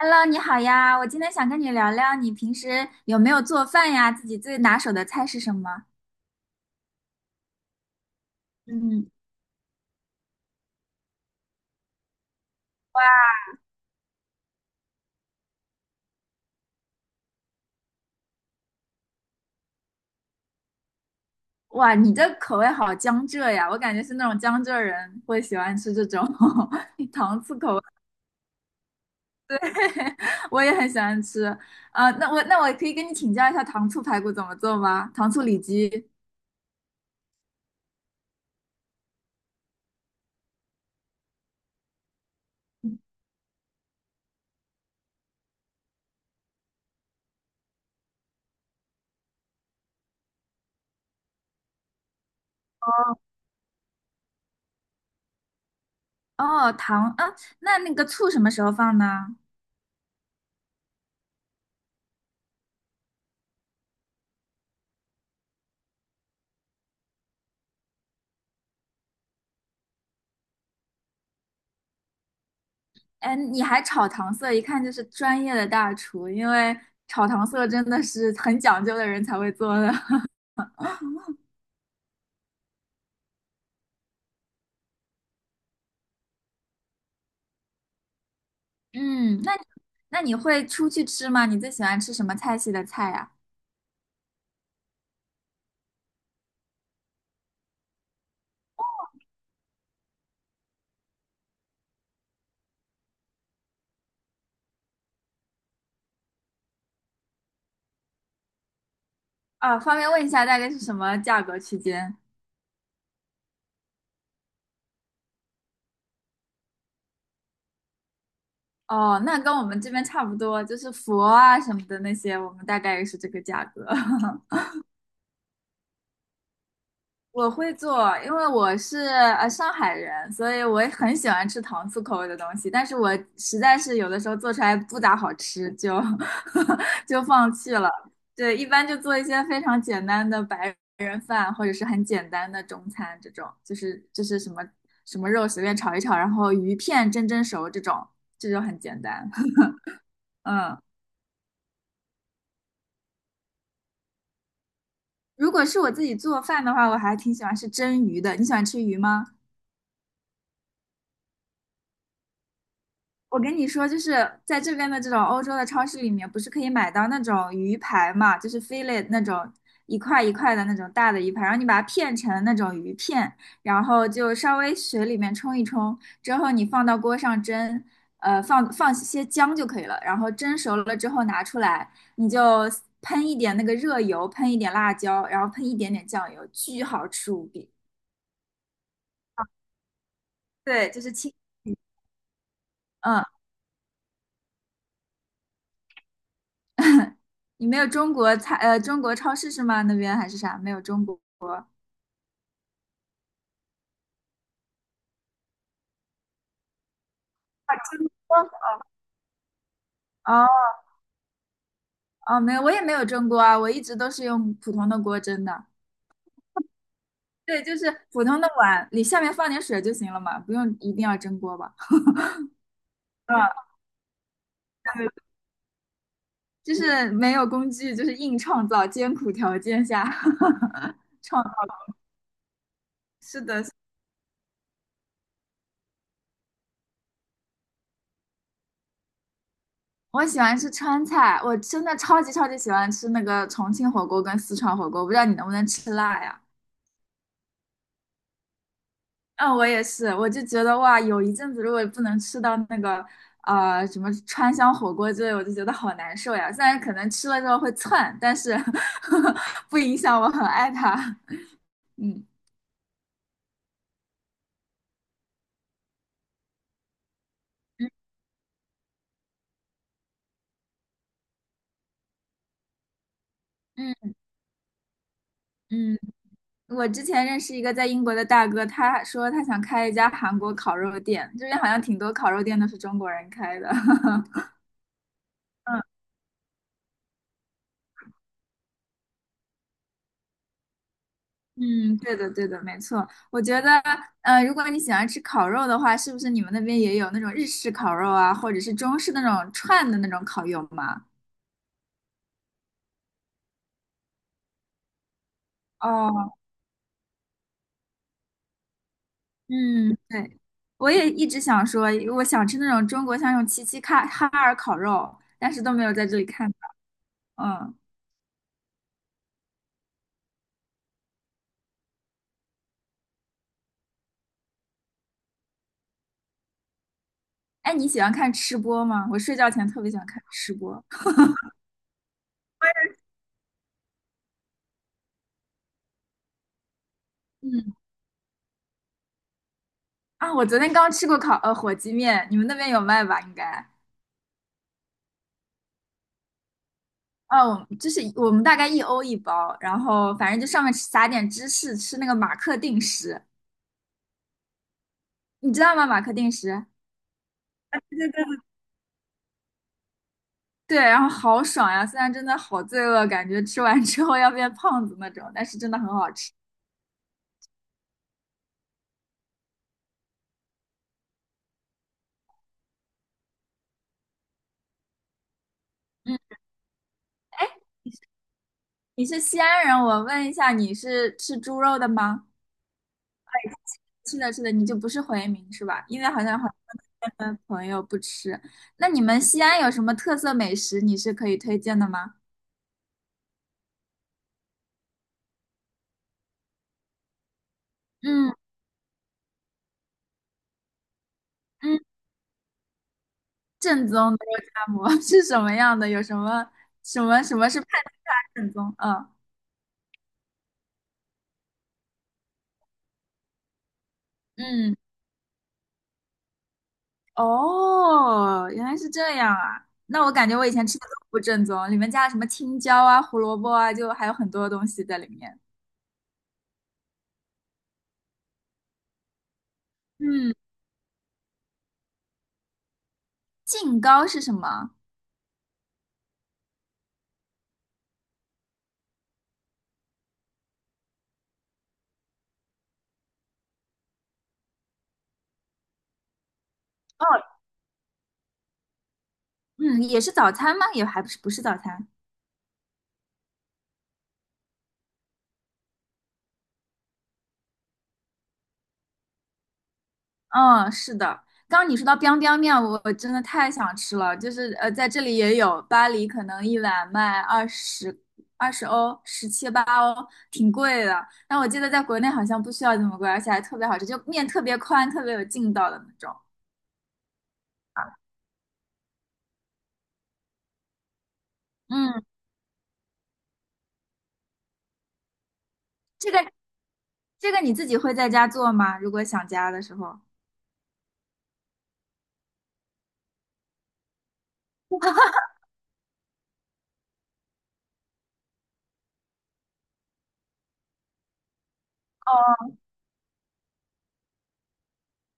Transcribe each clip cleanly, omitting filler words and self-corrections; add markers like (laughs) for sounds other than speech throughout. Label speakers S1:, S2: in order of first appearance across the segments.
S1: Hello，你好呀，我今天想跟你聊聊，你平时有没有做饭呀？自己最拿手的菜是什么？嗯，哇，你这口味好江浙呀，我感觉是那种江浙人会喜欢吃这种 (laughs) 糖醋口味，(laughs) 我也很喜欢吃。啊、那我可以跟你请教一下糖醋排骨怎么做吗？糖醋里脊。哦，糖，啊，那个醋什么时候放呢？哎，你还炒糖色，一看就是专业的大厨，因为炒糖色真的是很讲究的人才会做的。嗯，那你会出去吃吗？你最喜欢吃什么菜系的菜呀？啊，方便问一下大概是什么价格区间？哦，那跟我们这边差不多，就是佛啊什么的那些，我们大概也是这个价格。(laughs) 我会做，因为我是上海人，所以我也很喜欢吃糖醋口味的东西。但是我实在是有的时候做出来不咋好吃，就 (laughs) 就放弃了。对，一般就做一些非常简单的白人饭，或者是很简单的中餐这种，就是什么肉随便炒一炒，然后鱼片蒸熟这种，这就很简单。(laughs) 嗯，如果是我自己做饭的话，我还挺喜欢吃蒸鱼的。你喜欢吃鱼吗？我跟你说，就是在这边的这种欧洲的超市里面，不是可以买到那种鱼排嘛，就是 fillet 那种一块一块的那种大的鱼排，然后你把它片成那种鱼片，然后就稍微水里面冲一冲，之后你放到锅上蒸，放些姜就可以了，然后蒸熟了之后拿出来，你就喷一点那个热油，喷一点辣椒，然后喷一点点酱油，巨好吃无比。对，就是清。嗯你没有中国菜，中国超市是吗？那边还是啥？没有中国。哦哦，没有，我也没有蒸锅啊，我一直都是用普通的锅蒸的。对，就是普通的碗，里下面放点水就行了嘛，不用一定要蒸锅吧？啊，对，就是没有工具，就是硬创造，艰苦条件下 (laughs) 创造。是的，我喜欢吃川菜，我真的超级超级喜欢吃那个重庆火锅跟四川火锅，不知道你能不能吃辣呀？嗯，我也是，我就觉得哇，有一阵子如果不能吃到那个什么川香火锅之类，我就觉得好难受呀。虽然可能吃了之后会窜，但是 (laughs) 不影响我很爱它。嗯嗯嗯，嗯，我之前认识一个在英国的大哥，他说他想开一家韩国烤肉店，这边好像挺多烤肉店都是中国人开的。(laughs) 嗯。嗯，对的，对的，没错。我觉得，如果你喜欢吃烤肉的话，是不是你们那边也有那种日式烤肉啊，或者是中式那种串的那种烤肉吗？哦，嗯，对，我也一直想说，我想吃那种中国像那种齐齐哈尔烤肉，但是都没有在这里看到。嗯，哎，你喜欢看吃播吗？我睡觉前特别喜欢看吃播。嗯，啊，我昨天刚吃过烤，火鸡面，你们那边有卖吧？应该。哦，就是我们大概一欧一包，然后反正就上面撒点芝士，吃那个马克定食，你知道吗？马克定食，对，然后好爽呀！虽然真的好罪恶，感觉吃完之后要变胖子那种，但是真的很好吃。嗯，哎，你是西安人，我问一下，你是吃猪肉的吗？是的，是的，你就不是回民是吧？因为好像很多的朋友不吃。那你们西安有什么特色美食，你是可以推荐的吗？嗯嗯，正宗的肉夹馍 (laughs) 是什么样的？有什么什么是判定它正宗？嗯嗯，哦，原来是这样啊！那我感觉我以前吃的都不正宗，里面加了什么青椒啊、胡萝卜啊，就还有很多东西在里面。嗯，净糕是什么？哦，嗯，也是早餐吗？也还不是早餐。嗯，是的。刚刚你说到 biang biang 面，我真的太想吃了。就是在这里也有，巴黎可能一碗卖20欧，十七八欧，挺贵的。但我记得在国内好像不需要这么贵，而且还特别好吃，就面特别宽，特别有劲道的那种。嗯，这个这个你自己会在家做吗？如果想家的时候。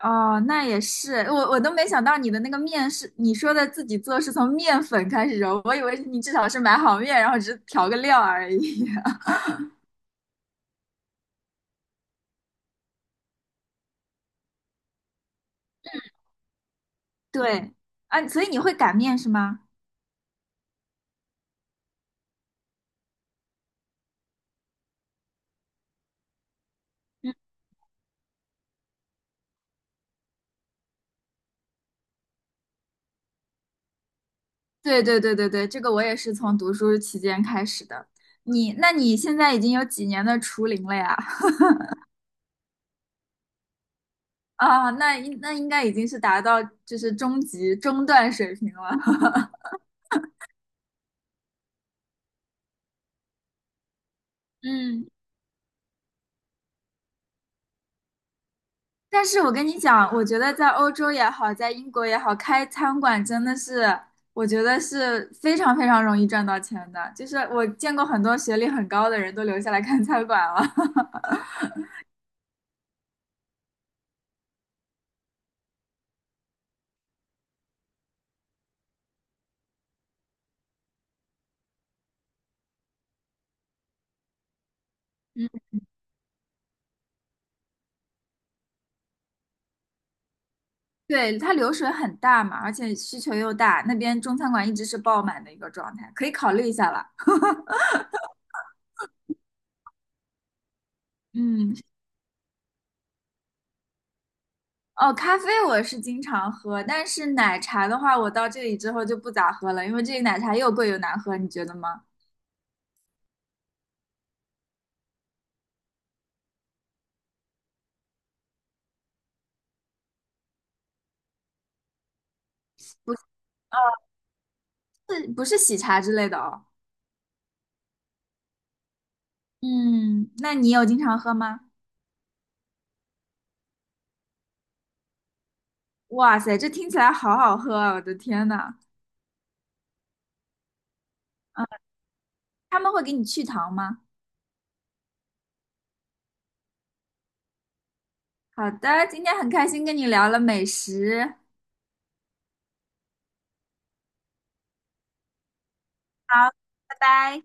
S1: 哦，那也是，我都没想到你的那个面是你说的自己做，是从面粉开始揉，我以为你至少是买好面，然后只是调个料而已。对啊，所以你会擀面是吗？对对对对对，这个我也是从读书期间开始的。你，那你现在已经有几年的厨龄了呀？(laughs) 啊，那应该已经是达到就是中级中段水平了。(laughs) 嗯，但是我跟你讲，我觉得在欧洲也好，在英国也好，开餐馆真的是，我觉得是非常非常容易赚到钱的。就是我见过很多学历很高的人都留下来开餐馆了。(laughs) 对，它流水很大嘛，而且需求又大，那边中餐馆一直是爆满的一个状态，可以考虑一下了。嗯，哦，咖啡我是经常喝，但是奶茶的话，我到这里之后就不咋喝了，因为这里奶茶又贵又难喝，你觉得吗？不是，不是喜茶之类的哦。嗯，那你有经常喝吗？哇塞，这听起来好好喝啊，我的天呐。嗯，他们会给你去糖吗？好的，今天很开心跟你聊了美食，好，拜拜。